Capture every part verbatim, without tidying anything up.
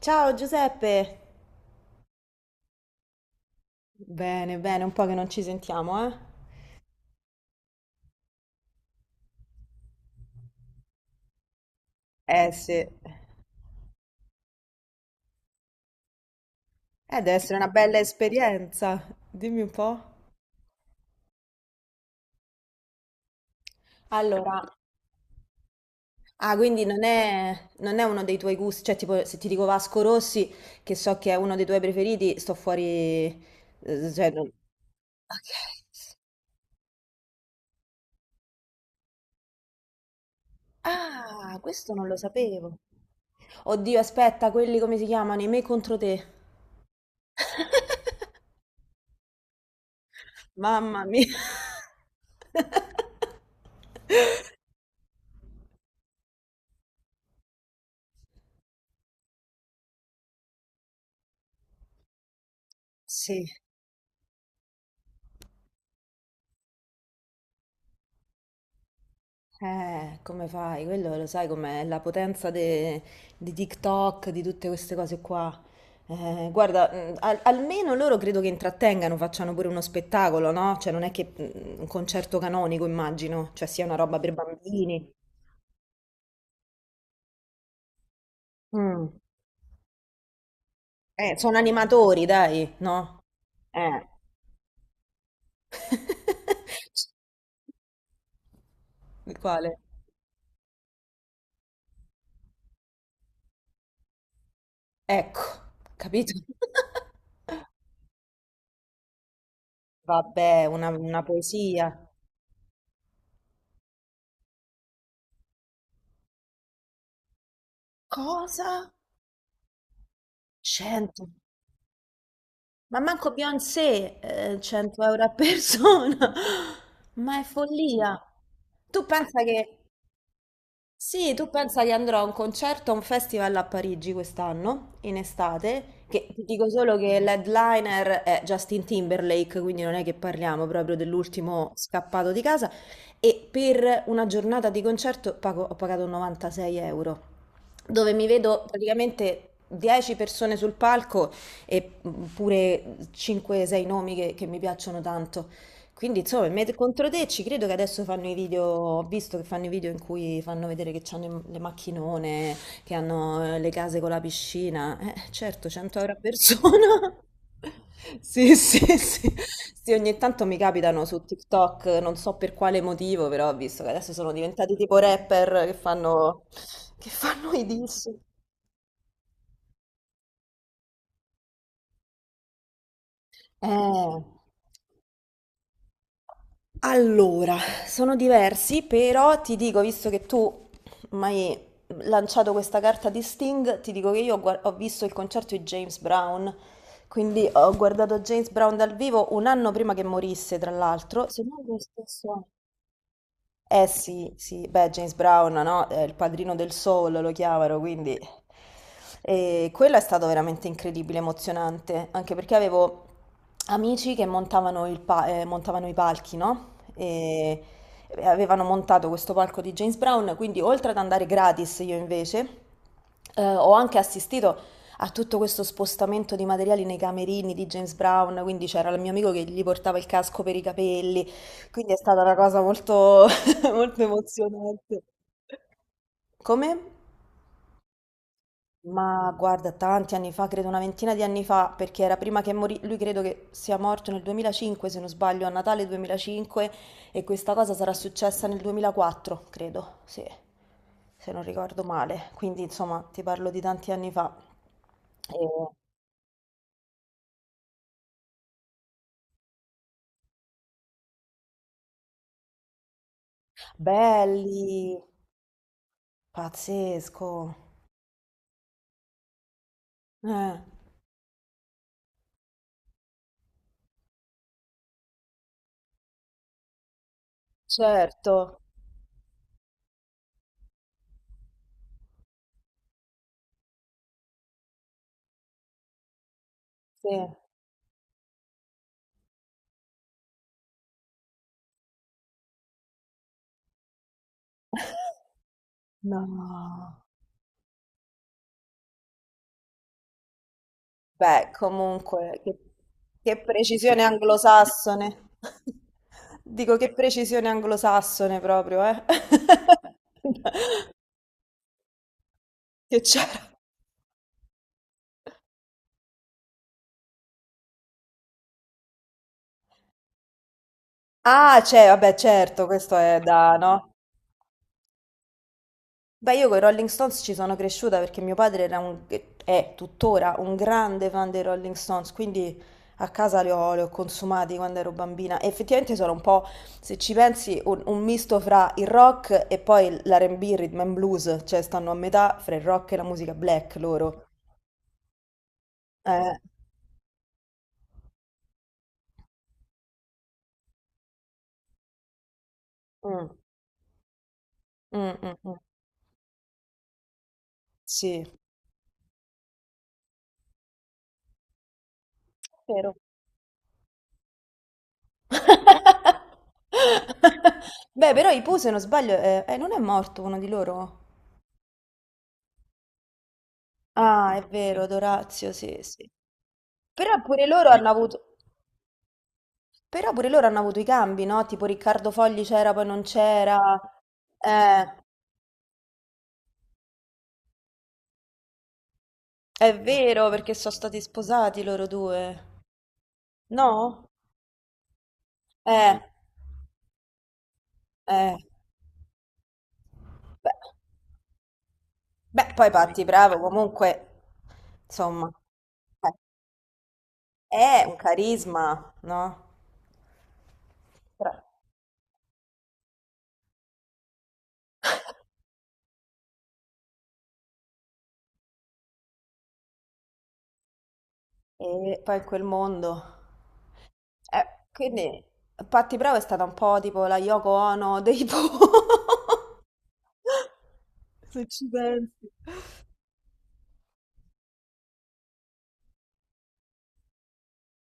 Ciao Giuseppe! Bene, bene, un po' che non ci sentiamo, eh? Eh sì, eh, deve essere una bella esperienza. Dimmi un po'. Allora, ah, quindi non è, non è uno dei tuoi gusti, cioè tipo se ti dico Vasco Rossi, che so che è uno dei tuoi preferiti, sto fuori. eh, Cioè, non- Ok. Ah, questo non lo sapevo. Oddio, aspetta, quelli come si chiamano? I Me contro te. Mamma mia. Sì. Eh, come fai? Quello lo sai com'è, la potenza de- di TikTok, di tutte queste cose qua. Eh, guarda, mh, al- almeno loro credo che intrattengano, facciano pure uno spettacolo, no? Cioè non è che mh, un concerto canonico, immagino, cioè sia una roba per bambini. Mm. Eh, sono animatori, dai, no? Eh. Quale? Ecco, capito? Vabbè, una, una poesia. Cosa? cento? Ma manco Beyoncé, eh, cento euro a persona, ma è follia. Tu pensa che, sì, tu pensa che andrò a un concerto, a un festival a Parigi quest'anno, in estate, che ti dico solo che l'headliner è Justin Timberlake, quindi non è che parliamo proprio dell'ultimo scappato di casa, e per una giornata di concerto pago- ho pagato novantasei euro, dove mi vedo praticamente dieci persone sul palco e mm, pure cinque sei nomi che, che mi piacciono tanto. Quindi, insomma, Me contro te ci credo che adesso fanno i video, ho visto che fanno i video in cui fanno vedere che hanno le macchinone, che hanno eh, le case con la piscina. Eh, certo, cento euro a persona. Sì, sì, sì. Sì, ogni tanto mi capitano su TikTok, non so per quale motivo, però ho visto che adesso sono diventati tipo rapper che fanno, che fanno i diss. Eh. Allora, sono diversi, però ti dico, visto che tu mi hai lanciato questa carta di Sting, ti dico che io ho, guar- ho visto il concerto di James Brown, quindi ho guardato James Brown dal vivo un anno prima che morisse, tra l'altro, se non lo stesso anno. Eh sì, sì, beh, James Brown, no? È il padrino del soul, lo chiamano, quindi. E quello è stato veramente incredibile, emozionante, anche perché avevo amici che montavano, il pa- eh, montavano i palchi, no? E e avevano montato questo palco di James Brown, quindi oltre ad andare gratis io invece, eh, ho anche assistito a tutto questo spostamento di materiali nei camerini di James Brown, quindi c'era il mio amico che gli portava il casco per i capelli, quindi è stata una cosa molto molto emozionante. Come? Ma guarda, tanti anni fa, credo una ventina di anni fa, perché era prima che morì, lui credo che sia morto nel duemilacinque, se non sbaglio, a Natale duemilacinque, e questa cosa sarà successa nel duemilaquattro, credo, sì, se non ricordo male. Quindi, insomma, ti parlo di tanti anni fa. E- belli, pazzesco. Eh, certo, sì. No. Beh, comunque, che, che precisione anglosassone. Dico che precisione anglosassone proprio, eh. Che c'era. Ah, c'è, vabbè, certo, questo è da, no? Beh, io con i Rolling Stones ci sono cresciuta perché mio padre era un, è tuttora un grande fan dei Rolling Stones, quindi a casa li ho, li ho consumati quando ero bambina. E effettivamente sono un po', se ci pensi, un, un misto fra il rock e poi l'R and B, rhythm and blues, cioè stanno a metà fra il rock e la musica black loro. Eh, mm, mm, mm, mm, sì, vero. Beh, però i Pooh, se non sbaglio, eh, eh, non è morto uno di loro? Ah, è vero, Dorazio, sì, sì. Però pure loro hanno avuto, però pure loro hanno avuto i cambi, no? Tipo Riccardo Fogli c'era, poi non c'era. Eh, è vero, perché sono stati sposati loro due. No? Eh, eh. Beh, beh, poi Patti Bravo comunque, insomma, eh, è un carisma, no? Però- E poi in quel mondo. Eh, quindi Patti Bravo è stata un po' tipo la Yoko Ono dei Po. Se ci pensi.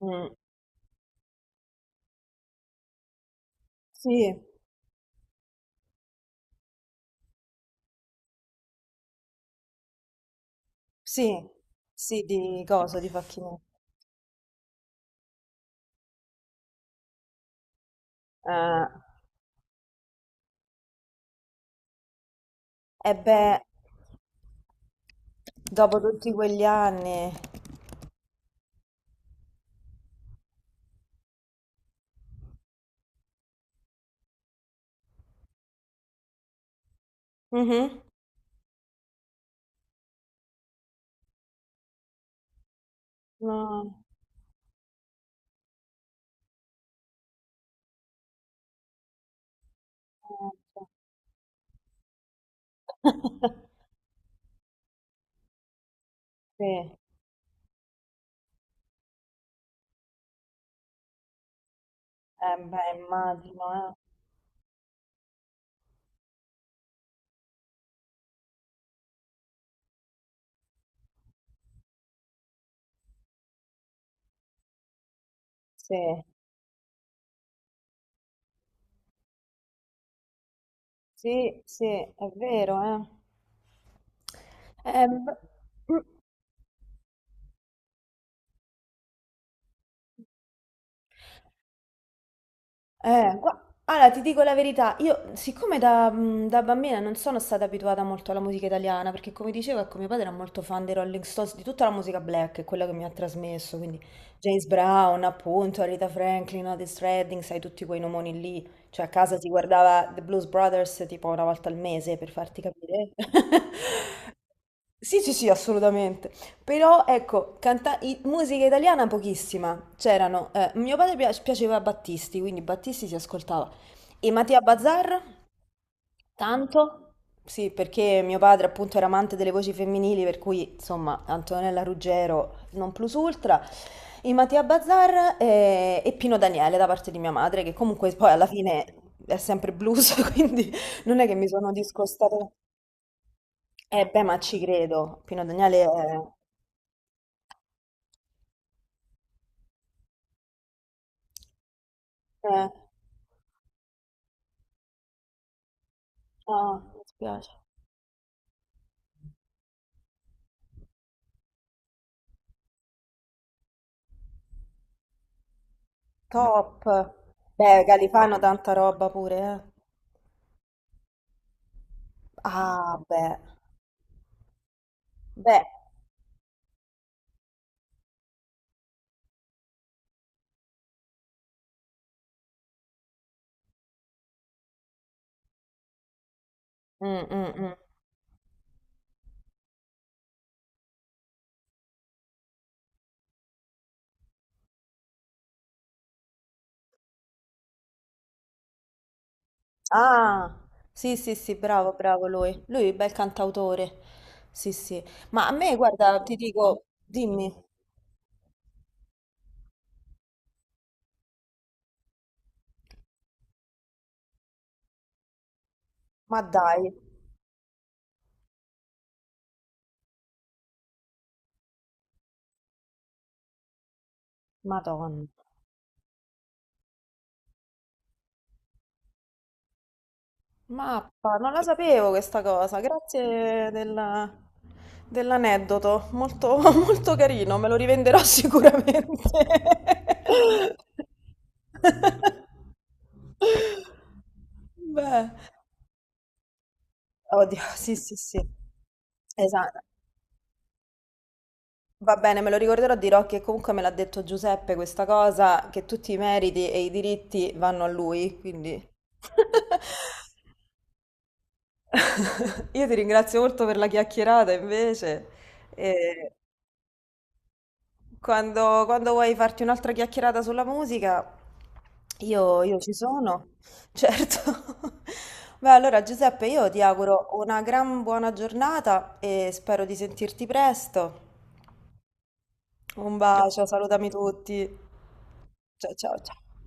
Mm, sì, sì, sì, di cosa, di Facchini. Eh, e beh, dopo tutti quegli anni. Mhm. No. Sì, eh beh, immagino, eh. Sì, sì, sì, è vero, eh. Eh, beh, mm. Eh, gua- allora, ti dico la verità, io siccome da, mh, da bambina non sono stata abituata molto alla musica italiana, perché come dicevo, ecco, mio padre era molto fan dei Rolling Stones, di tutta la musica black, è quella che mi ha trasmesso, quindi James Brown, appunto, Rita Franklin, Otis Redding, sai tutti quei nomoni lì, cioè a casa si guardava The Blues Brothers tipo una volta al mese, per farti capire. Sì, sì, sì, assolutamente. Però ecco, canta- i- musica italiana pochissima. C'erano, eh, mio padre pia- piaceva Battisti, quindi Battisti si ascoltava. E Mattia Bazar? Tanto? Sì, perché mio padre appunto era amante delle voci femminili, per cui insomma Antonella Ruggero non plus ultra. E Mattia Bazar eh, e, Pino Daniele da parte di mia madre, che comunque poi alla fine è sempre blues, quindi non è che mi sono discostata. Eh beh, ma ci credo, Pino Daniele è. Eh. Ah, mi dispiace. Mm. Top. Beh, Califano tanta roba pure, eh. Ah, beh. Beh. Mm, mm, mm. Ah, sì, sì, sì, bravo, bravo lui. Lui è un bel cantautore. Sì, sì. Ma a me, guarda, ti dico, dimmi, ma dai, Madonna. Mappa, non la sapevo questa cosa, grazie della- dell'aneddoto, molto, molto carino, me lo rivenderò sicuramente. Beh, oddio, sì, sì, sì, esatto, va bene, me lo ricorderò, dirò che comunque me l'ha detto Giuseppe questa cosa, che tutti i meriti e i diritti vanno a lui, quindi. Io ti ringrazio molto per la chiacchierata invece. E quando, quando vuoi farti un'altra chiacchierata sulla musica, io, io ci sono, certo. Beh, allora Giuseppe, io ti auguro una gran buona giornata e spero di sentirti presto. Un bacio, salutami tutti. Ciao ciao ciao.